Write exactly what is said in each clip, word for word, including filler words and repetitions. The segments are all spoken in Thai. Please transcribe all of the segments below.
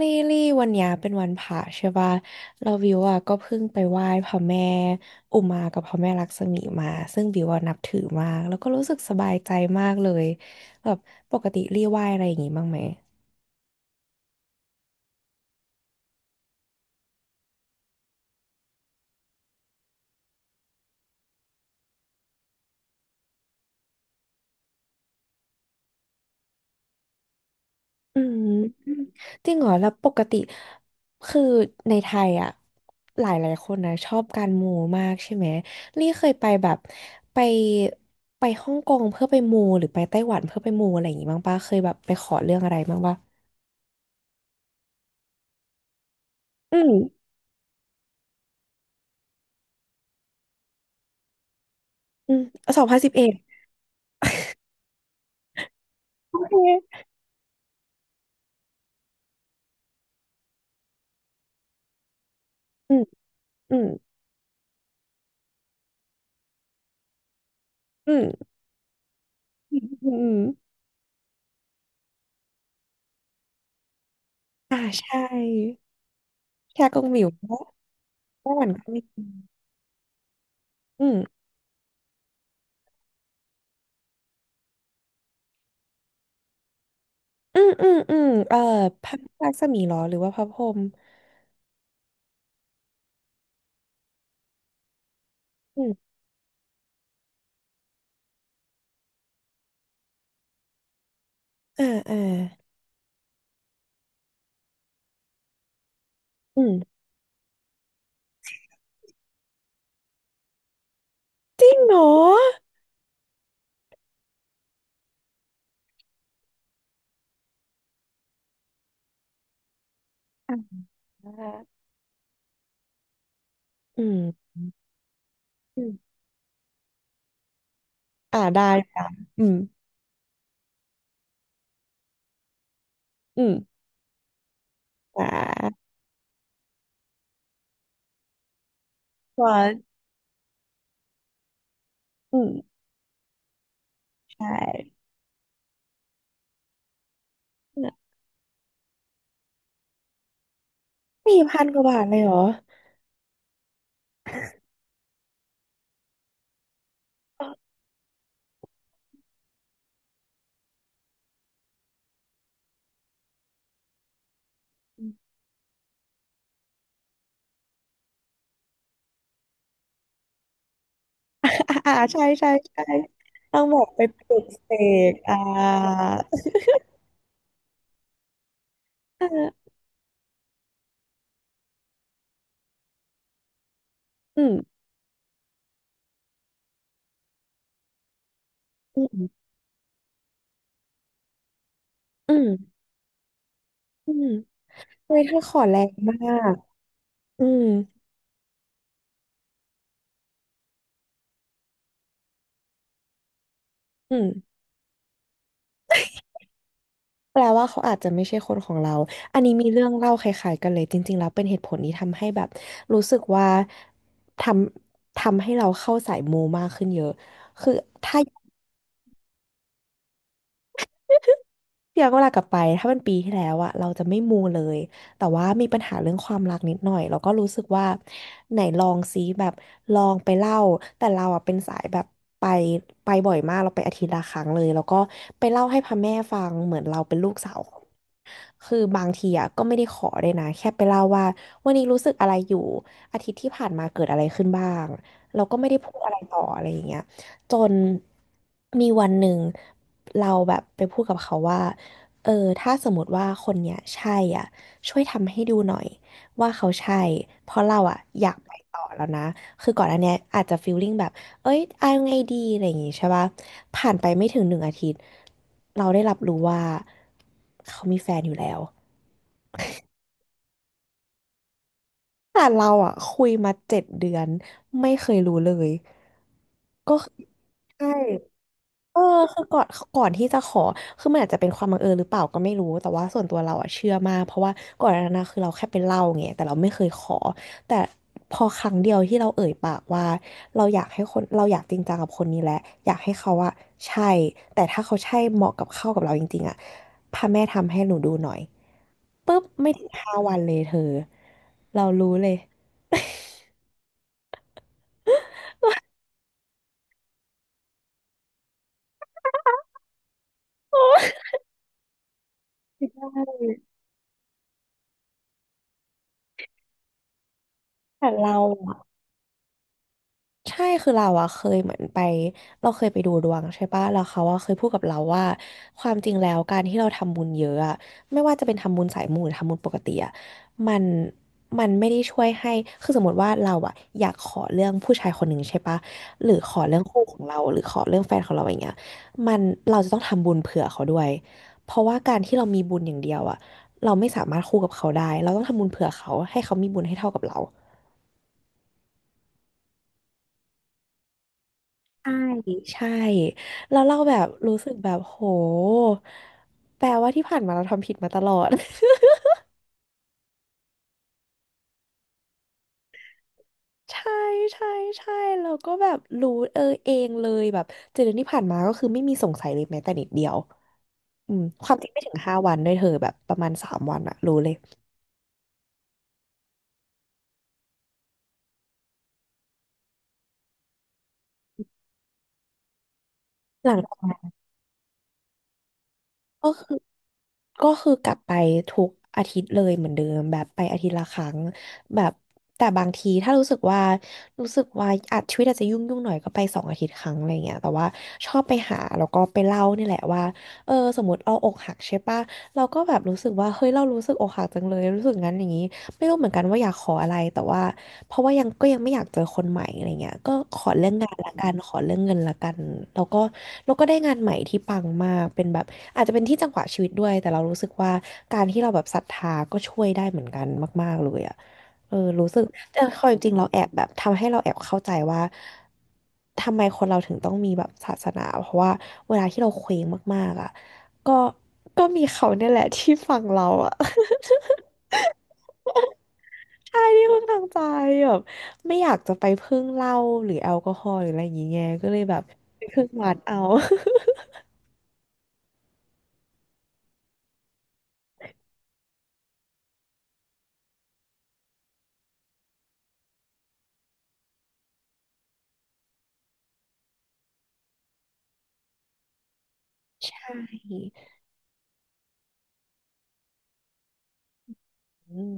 ลี่ลี่วันเนี้ยเป็นวันพระใช่ป่ะเราวิวอ่ะก็เพิ่งไปไหว้พระแม่อุมากับพระแม่ลักษมีมาซึ่งวิวอ่ะนับถือมากแล้วก็รู้สึกสบายใจมากเลยแบบปกติลี่ไหว้อะไรอย่างงี้บ้างไหมอืมจริงเหรอแล้วปกติคือในไทยอ่ะหลายหลายคนนะชอบการมูมากใช่ไหมลี่เคยไปแบบไปไปฮ่องกงเพื่อไปมูหรือไปไต้หวันเพื่อไปมูอะไรอย่างงี้บ้างป่ะเคยแบบไปขอเรื่องอะไรบ้างป่ะอืม อืมสองพันสิบเอ็ดโอเคอืมอืมอืมอืมอืมอมอ่าใช่ชากงหมิวก็เมื่วันก็มีอืมอืมอืมอืมเอ่อพระรักษมีเหรอหรือว่าพระพรหมอืมอ่าอ่าอืมจริงเหรออ่าอืมอืมอ่าได้อืมอืมอ่าวันอืมใช่สี่พันกว่าบาทเลยเหรอ อ่าอ่าใช่ใช่ใช่ต้องบอกไปปลุกเสกอ่าออาอืมอืมอืมอืมเฮ้ยถ้าขอแรงมากอืมอืมแปลว่าเขาอาจจะไม่ใช่คนของเราอันนี้มีเรื่องเล่าคล้ายๆกันเลยจริงๆแล้วเป็นเหตุผลที่ทำให้แบบรู้สึกว่าทำทำให้เราเข้าสายมูมากขึ้นเยอะคือถ้า พี่ย้อนเวลากลับไปถ้าเป็นปีที่แล้วอะเราจะไม่มูเลยแต่ว่ามีปัญหาเรื่องความรักนิดหน่อยแล้วก็รู้สึกว่าไหนลองซิแบบลองไปเล่าแต่เราอะเป็นสายแบบไปไปบ่อยมากเราไปอาทิตย์ละครั้งเลยแล้วก็ไปเล่าให้พ่อแม่ฟังเหมือนเราเป็นลูกสาว คือบางทีอ่ะก็ไม่ได้ขอเลยนะแค่ไปเล่าว่าวันนี้รู้สึกอะไรอยู่อาทิตย์ที่ผ่านมาเกิดอะไรขึ้นบ้างเราก็ไม่ได้พูดอะไรต่ออะไรอย่างเงี้ยจนมีวันหนึ่งเราแบบไปพูดกับเขาว่าเออถ้าสมมติว่าคนเนี้ยใช่อ่ะช่วยทำให้ดูหน่อยว่าเขาใช่เพราะเราอ่ะอยากไปต่อแล้วนะคือก่อนอันเนี้ยอาจจะฟีลลิ่งแบบ เอ้ยเอาไงดีอะไรอย่างงี้ใช่ปะผ่านไปไม่ถึงหนึ่งอาทิตย์เราได้รับรู้ว่าเขามีแฟนอยู่แล้วแต่เราอ่ะคุยมาเจ็ดเดือนไม่เคยรู้เลยก็คือใช่ เออคือก่อนก่อนที่จะขอคือมันอาจจะเป็นความบังเอิญหรือเปล่าก็ไม่รู้แต่ว่าส่วนตัวเราอะเชื่อมากเพราะว่าก่อนหน้านั้นนะคือเราแค่ไปเล่าไงแต่เราไม่เคยขอแต่พอครั้งเดียวที่เราเอ่ยปากว่าเราอยากให้คนเราอยากจริงจังกับคนนี้แหละอยากให้เขาอะใช่แต่ถ้าเขาใช่เหมาะกับเข้ากับเราจริงๆอะพระแม่ทำให้หนูดูหน่อยปุ๊บไม่ถึงห้าวันเลยเธอเรารู้เลยแต่เรา ใช่คือเราอะเคยเหมือนไปเราเคยไปดูดวงใช่ปะแล้วเขาอะเคยพูดกับเราว่าความจริงแล้วการที่เราทำบุญเยอะอะไม่ว่าจะเป็นทำบุญสายมูหรือทำบุญปกติอะมันมันไม่ได้ช่วยให้คือสมมติว่าเราอะอยากขอเรื่องผู้ชายคนหนึ่งใช่ปะหรือขอเรื่องคู่ของเราหรือขอเรื่องแฟนของเราอย่างเงี้ยมันเราจะต้องทำบุญเผื่อเขาด้วยเพราะว่าการที่เรามีบุญอย่างเดียวอะเราไม่สามารถคู่กับเขาได้เราต้องทำบุญเผื่อเขาให้เขามีบุญให้เท่ากับเรา ใช่ใช่แล้วเราแบบรู้สึกแบบโหแปลว่าที่ผ่านมาเราทำผิดมาตลอด ใช่ใช่ใช่เราก็แบบรู้เออเองเลยแบบเจ็ดเดือนที่ผ่านมาก็คือไม่มีสงสัยเลยแม้แต่นิดเดียวอืมความจริงไม่ถึงห้าวันด้วยเธอแบบประมาณสามวันอะรู้เลยหลังจากนั้นก็คือ ก็คือกลับไปทุกอาทิตย์เลยเหมือนเดิมแบบไปอาทิตย์ละครั้งแบบแต่บางทีถ้ารู้สึกว่ารู้สึกว่าอาจชีวิตอาจจะยุ่งยุ่งหน่อยก็ไปสองอาทิตย์ครั้งอะไรเงี้ยแต่ว่าชอบไปหาแล้วก็ไปเล่านี่แหละว่าเออสมมติเราอกหักใช่ปะเราก็แบบรู้สึกว่าเฮ้ยเรารู้สึกอกหักจังเลยรู้สึกงั้นอย่างนี้ ไม่รู้เหมือนกันว่าอยากขออะไรแต่ว่าเพราะว่ายังก็ยังไม่อยากเจอคนใหม่อะไรเงี้ยก็ขอเรื่องงานละกันขอเรื่องเงินละกันแล้วก็แล้วก็ได้งานใหม่ที่ปังมากเป็นแบบอาจจะเป็นที่จังหวะชีวิตด้วยแต่เรารู้สึกว่าการที่เราแบบศรัทธาก็ช่วยได้เหมือนกันมากๆเลยอ่ะเออรู้สึกแต่ความจริงเราแอบแบบทำให้เราแอบเข้าใจว่าทำไมคนเราถึงต้องมีแบบศาสนาเพราะว่าเวลาที่เราเคว้งมากๆอ่ะก็ก็มีเขาเนี่ยแหละที่ฟังเราอ่ะ ใช่ที่พึ่งทางใจแบบไม่อยากจะไปพึ่งเหล้าหรือแอลกอฮอล์หรืออะไรอย่างเงี้ยก็เลยแบบไปพึ่งวัดเอา ใช่ อืม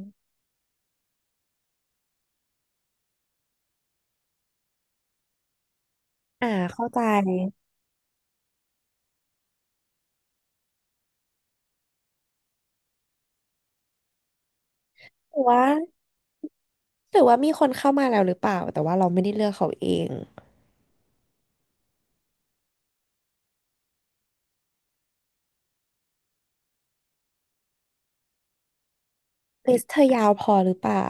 อ่าเข้าใจหรือว่าหรือว่ามีคนเข้ามาแล้วหรือเปล่าแต่ว่าเราไม่ได้เลือกเขาเองลิสต์เธอยาวพอหรือเปล่า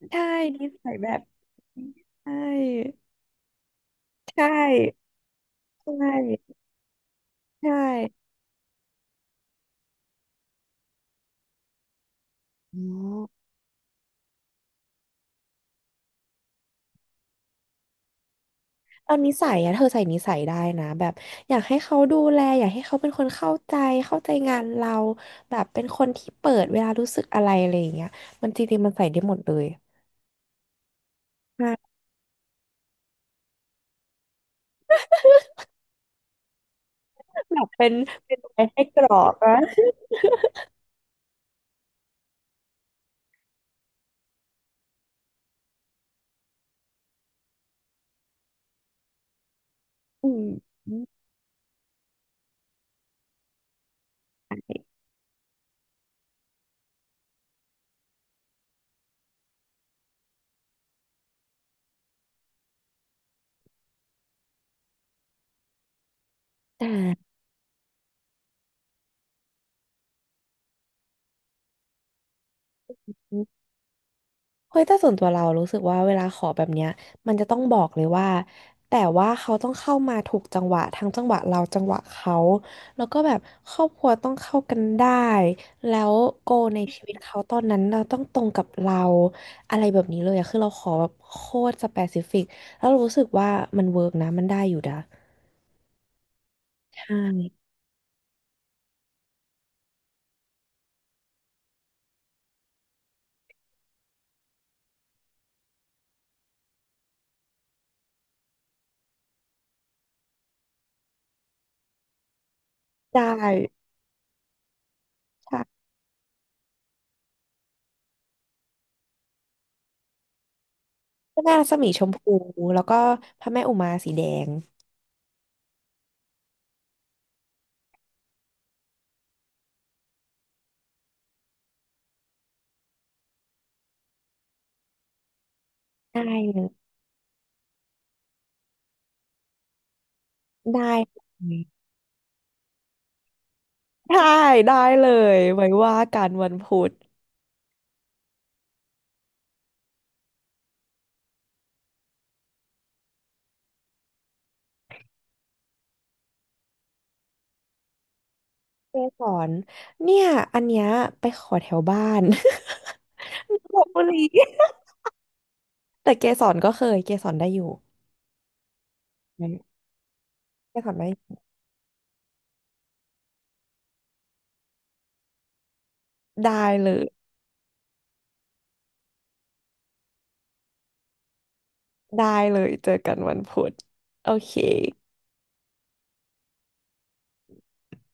ใช่ใช่นิสัยแบบนี้ใช่ใช่ใช่ใช่อ๋อ เอานิสัยอะเธอใส่นิสัยได้นะแบบอยากให้เขาดูแลอยากให้เขาเป็นคนเข้าใจเข้าใจงานเราแบบเป็นคนที่เปิดเวลารู้สึกอะไรอะไรอย่างเงี้ยมันจริงๆมันใส่ได้หมดเลย ค่ะแบบเป็นเป็นอะไรให้กรอกนะอืมได้ เฮ้ยแต่ส่วนตัวเรารู้สึกว่าเวลาขอแบบเนี้ยมันจะต้องบอกเลยว่าแต่ว่าเขาต้องเข้ามาถูกจังหวะทั้งจังหวะเราจังหวะเขาแล้วก็แบบครอบครัวต้องเข้ากันได้แล้วโกในชีวิตเขาตอนนั้นเราต้องตรงกับเราอะไรแบบนี้เลยอะคือเราขอแบบโคตรสเปซิฟิกแล้วเรารู้สึกว่ามันเวิร์กนะมันได้อยู่นะใช่ได้ใช่พระแม่รัศมีชมพูแล้วก็พระแม่อุมาสีแดงได้เลยได้ ได้ได้เลยไว้ว่ากันวันพุธเจสอนเนี่ยอันเนี้ยไปขอแถวบ้าน นนทบุรีแต่เกสรก็เคยเกสรได้อยู่เกสรได้ได้เลยได้เลยเจอกันวันพุธโอเค